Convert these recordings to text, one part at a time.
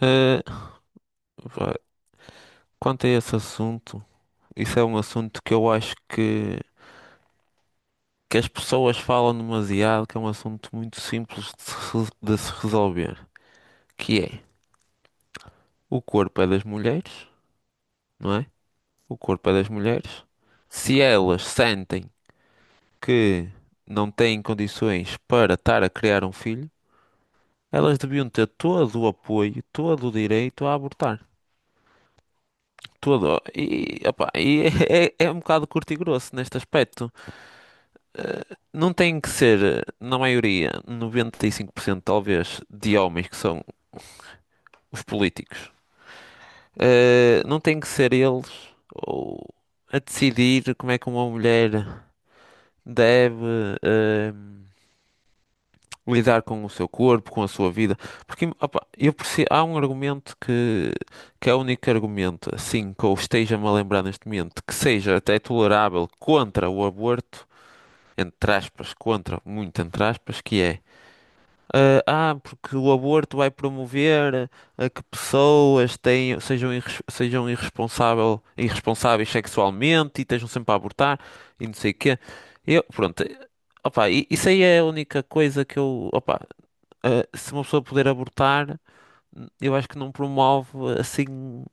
Eh, vá, quanto a esse assunto, isso é um assunto que eu acho que as pessoas falam demasiado, que é um assunto muito simples de se resolver, que é o corpo é das mulheres, não é? O corpo é das mulheres. Se elas sentem que não têm condições para estar a criar um filho, elas deviam ter todo o apoio, todo o direito a abortar. Todo. E, opá, é um bocado curto e grosso neste aspecto. Não tem que ser, na maioria, 95%, talvez, de homens que são os políticos. Não tem que ser eles ou a decidir como é que uma mulher deve eh, lidar com o seu corpo, com a sua vida. Porque opa, há um argumento que é o único argumento, assim, que eu esteja-me a lembrar neste momento, que seja até tolerável contra o aborto, entre aspas, contra, muito entre aspas, que é porque o aborto vai promover a que pessoas tenham, sejam, sejam irresponsável, irresponsáveis sexualmente e estejam sempre a abortar e não sei o quê. Eu, pronto, opá, isso aí é a única coisa que eu, opá, se uma pessoa puder abortar, eu acho que não promove assim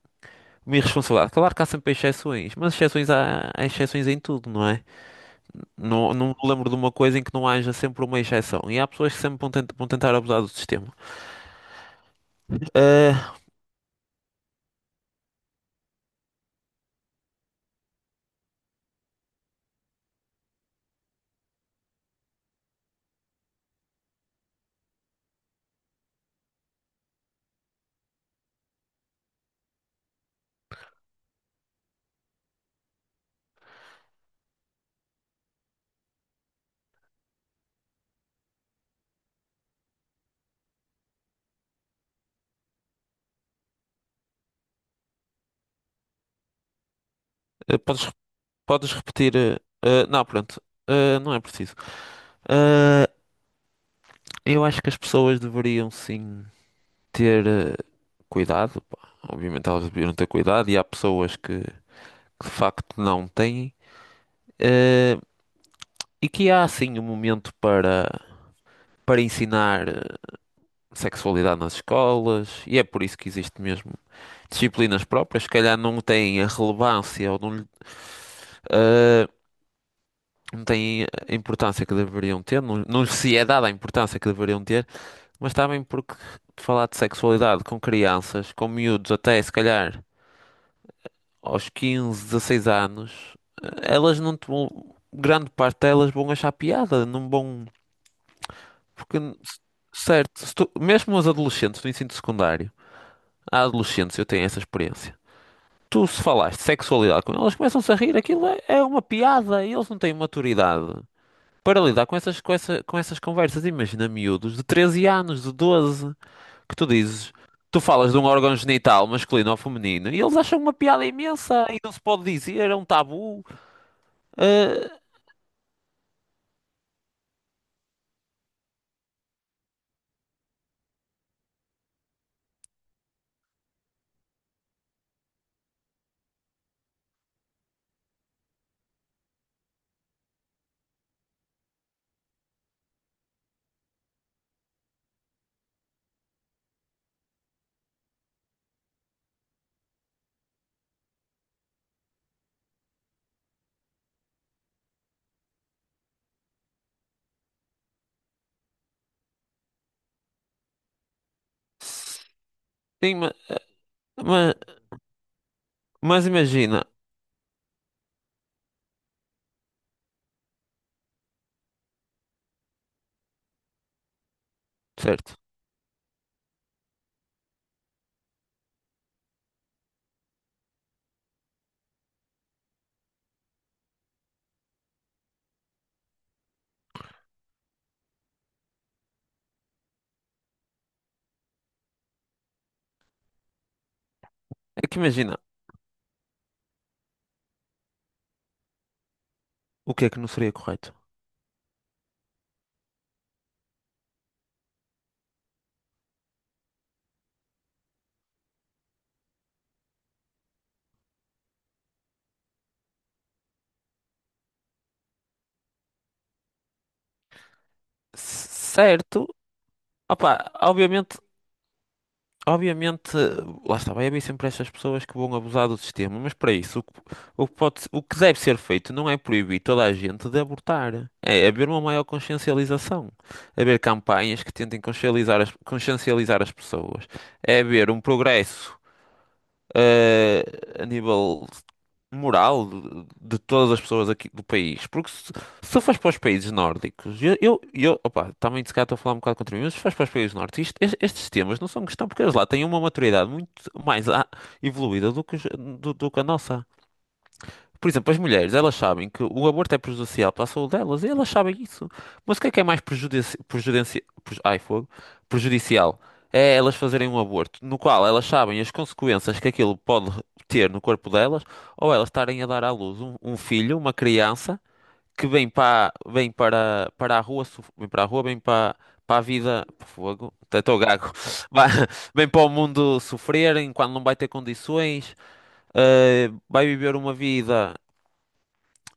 uma irresponsabilidade. Claro que há sempre exceções, mas exceções há exceções em tudo, não é? Não, não me lembro de uma coisa em que não haja sempre uma exceção. E há pessoas que sempre vão tentar abusar do sistema. Ah, eh, podes, podes repetir. Não, pronto. Ah, não é preciso. Ah, eu acho que as pessoas deveriam sim ter cuidado, pá. Obviamente elas deveriam ter cuidado e há pessoas que de facto não têm. Eh, e que há sim um momento para, ensinar sexualidade nas escolas e é por isso que existe mesmo disciplinas próprias. Se calhar não têm a relevância ou não lhe. eh, não têm a importância que deveriam ter, não lhes se é dada a importância que deveriam ter, mas também porque falar de sexualidade com crianças, com miúdos até se calhar aos 15, 16 anos, elas não te vão, grande parte delas vão achar piada, não vão, porque certo, se tu- mesmo os adolescentes do ensino secundário, há adolescentes, eu tenho essa experiência. Tu se falaste de sexualidade com elas, começam-se a rir, aquilo é uma piada e eles não têm maturidade para lidar com essas, com essas conversas. Imagina miúdos de 13 anos, de 12, que tu dizes, tu falas de um órgão genital masculino ou feminino e eles acham uma piada imensa e não se pode dizer, é um tabu. Ah, sim, ma- mas, imagina, certo? É que imagina, o que é que não seria correto? Certo, opá, obviamente. Obviamente, lá está, vai haver sempre estas pessoas que vão abusar do sistema, mas para isso, o que deve ser feito não é proibir toda a gente de abortar, é haver uma maior consciencialização, haver campanhas que tentem consciencializar as pessoas, é haver um progresso eh, a nível moral de todas as pessoas aqui do país. Porque se fores para os países nórdicos, eu opa, também se calhar estou a falar um bocado contra mim, mas se fores para os países nórdicos, estes temas não são questão, porque eles lá têm uma maturidade muito mais evoluída do que a nossa. Por exemplo, as mulheres, elas sabem que o aborto é prejudicial para a saúde delas e elas sabem isso. Mas o que é mais ai, fogo. Prejudicial? É elas fazerem um aborto no qual elas sabem as consequências que aquilo pode ter no corpo delas ou elas estarem a dar à luz um filho, uma criança, que para a rua, vem para a rua, para a vida, fogo, estou gago. Vai- vem para o mundo sofrer enquanto não vai ter condições. Vai viver uma vida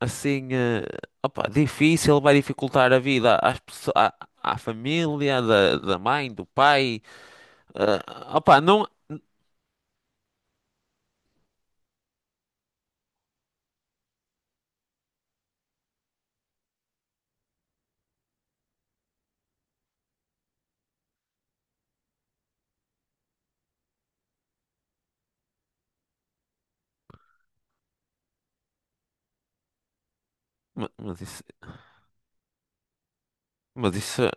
assim, opa, difícil, vai dificultar a vida às pessoas, à família, da mãe, do pai. eh, opa, não. ma- Mas isso, mas isso, é-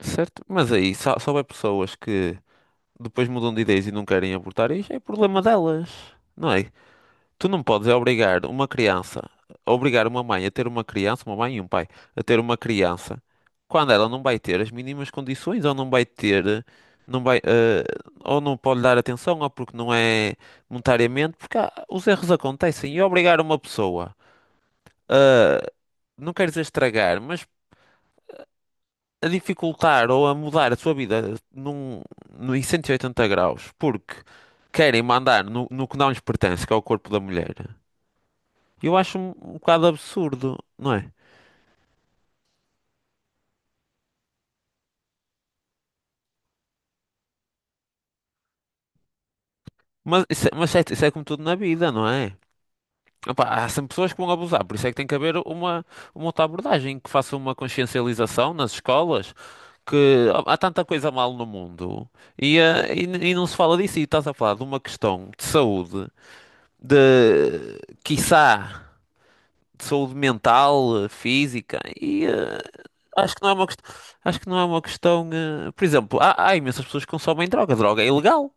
certo? Mas aí, só vai pessoas que depois mudam de ideias e não querem abortar, isso é problema delas, não é? Tu não podes é obrigar uma criança, obrigar uma mãe a ter uma criança, uma mãe e um pai, a ter uma criança, quando ela não vai ter as mínimas condições, ou não vai ter, não vai, ou não pode dar atenção, ou porque não é monetariamente, porque os erros acontecem. E obrigar uma pessoa, a não quero dizer estragar, mas a dificultar ou a mudar a sua vida num, em 180 graus, porque querem mandar no que não lhes pertence, que é o corpo da mulher. Eu acho um bocado absurdo, não é? Isso é como tudo na vida, não é? Opa, há sempre pessoas que vão abusar, por isso é que tem que haver uma outra abordagem que faça uma consciencialização nas escolas. Que há tanta coisa mal no mundo e não se fala disso. E estás a falar de uma questão de saúde, de quiçá, de saúde mental, física, e acho que não é uma questão. Acho que não é uma questão. Por exemplo, há imensas pessoas que consomem droga. Droga é ilegal.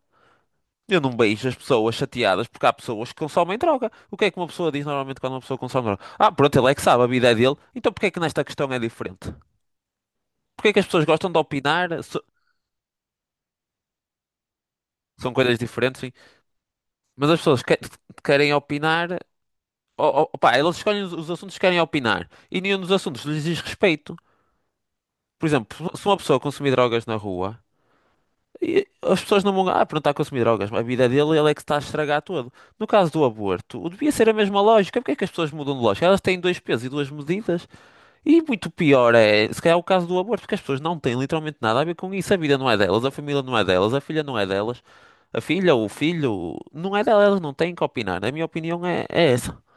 Eu não beijo as pessoas chateadas porque há pessoas que consomem droga. O que é que uma pessoa diz normalmente quando uma pessoa consome droga? Ah, pronto, ele é que sabe, a vida é dele. Então porque é que nesta questão é diferente? Porque é que as pessoas gostam de opinar? São coisas diferentes, sim. Mas as pessoas querem opinar. Oh, pá, eles escolhem os assuntos que querem opinar. E nenhum dos assuntos lhes diz respeito. Por exemplo, se uma pessoa consumir drogas na rua. E as pessoas não vão. Ah, pronto, está a consumir drogas. A vida dele, ele é que está a estragar tudo. No caso do aborto, devia ser a mesma lógica. Porque é que as pessoas mudam de lógica? Elas têm dois pesos e duas medidas. E muito pior é, se calhar, o caso do aborto, porque as pessoas não têm literalmente nada a ver com isso. A vida não é delas, a família não é delas, a filha não é delas. A filha, ou o filho, não é delas, elas não têm que opinar. A minha opinião é essa.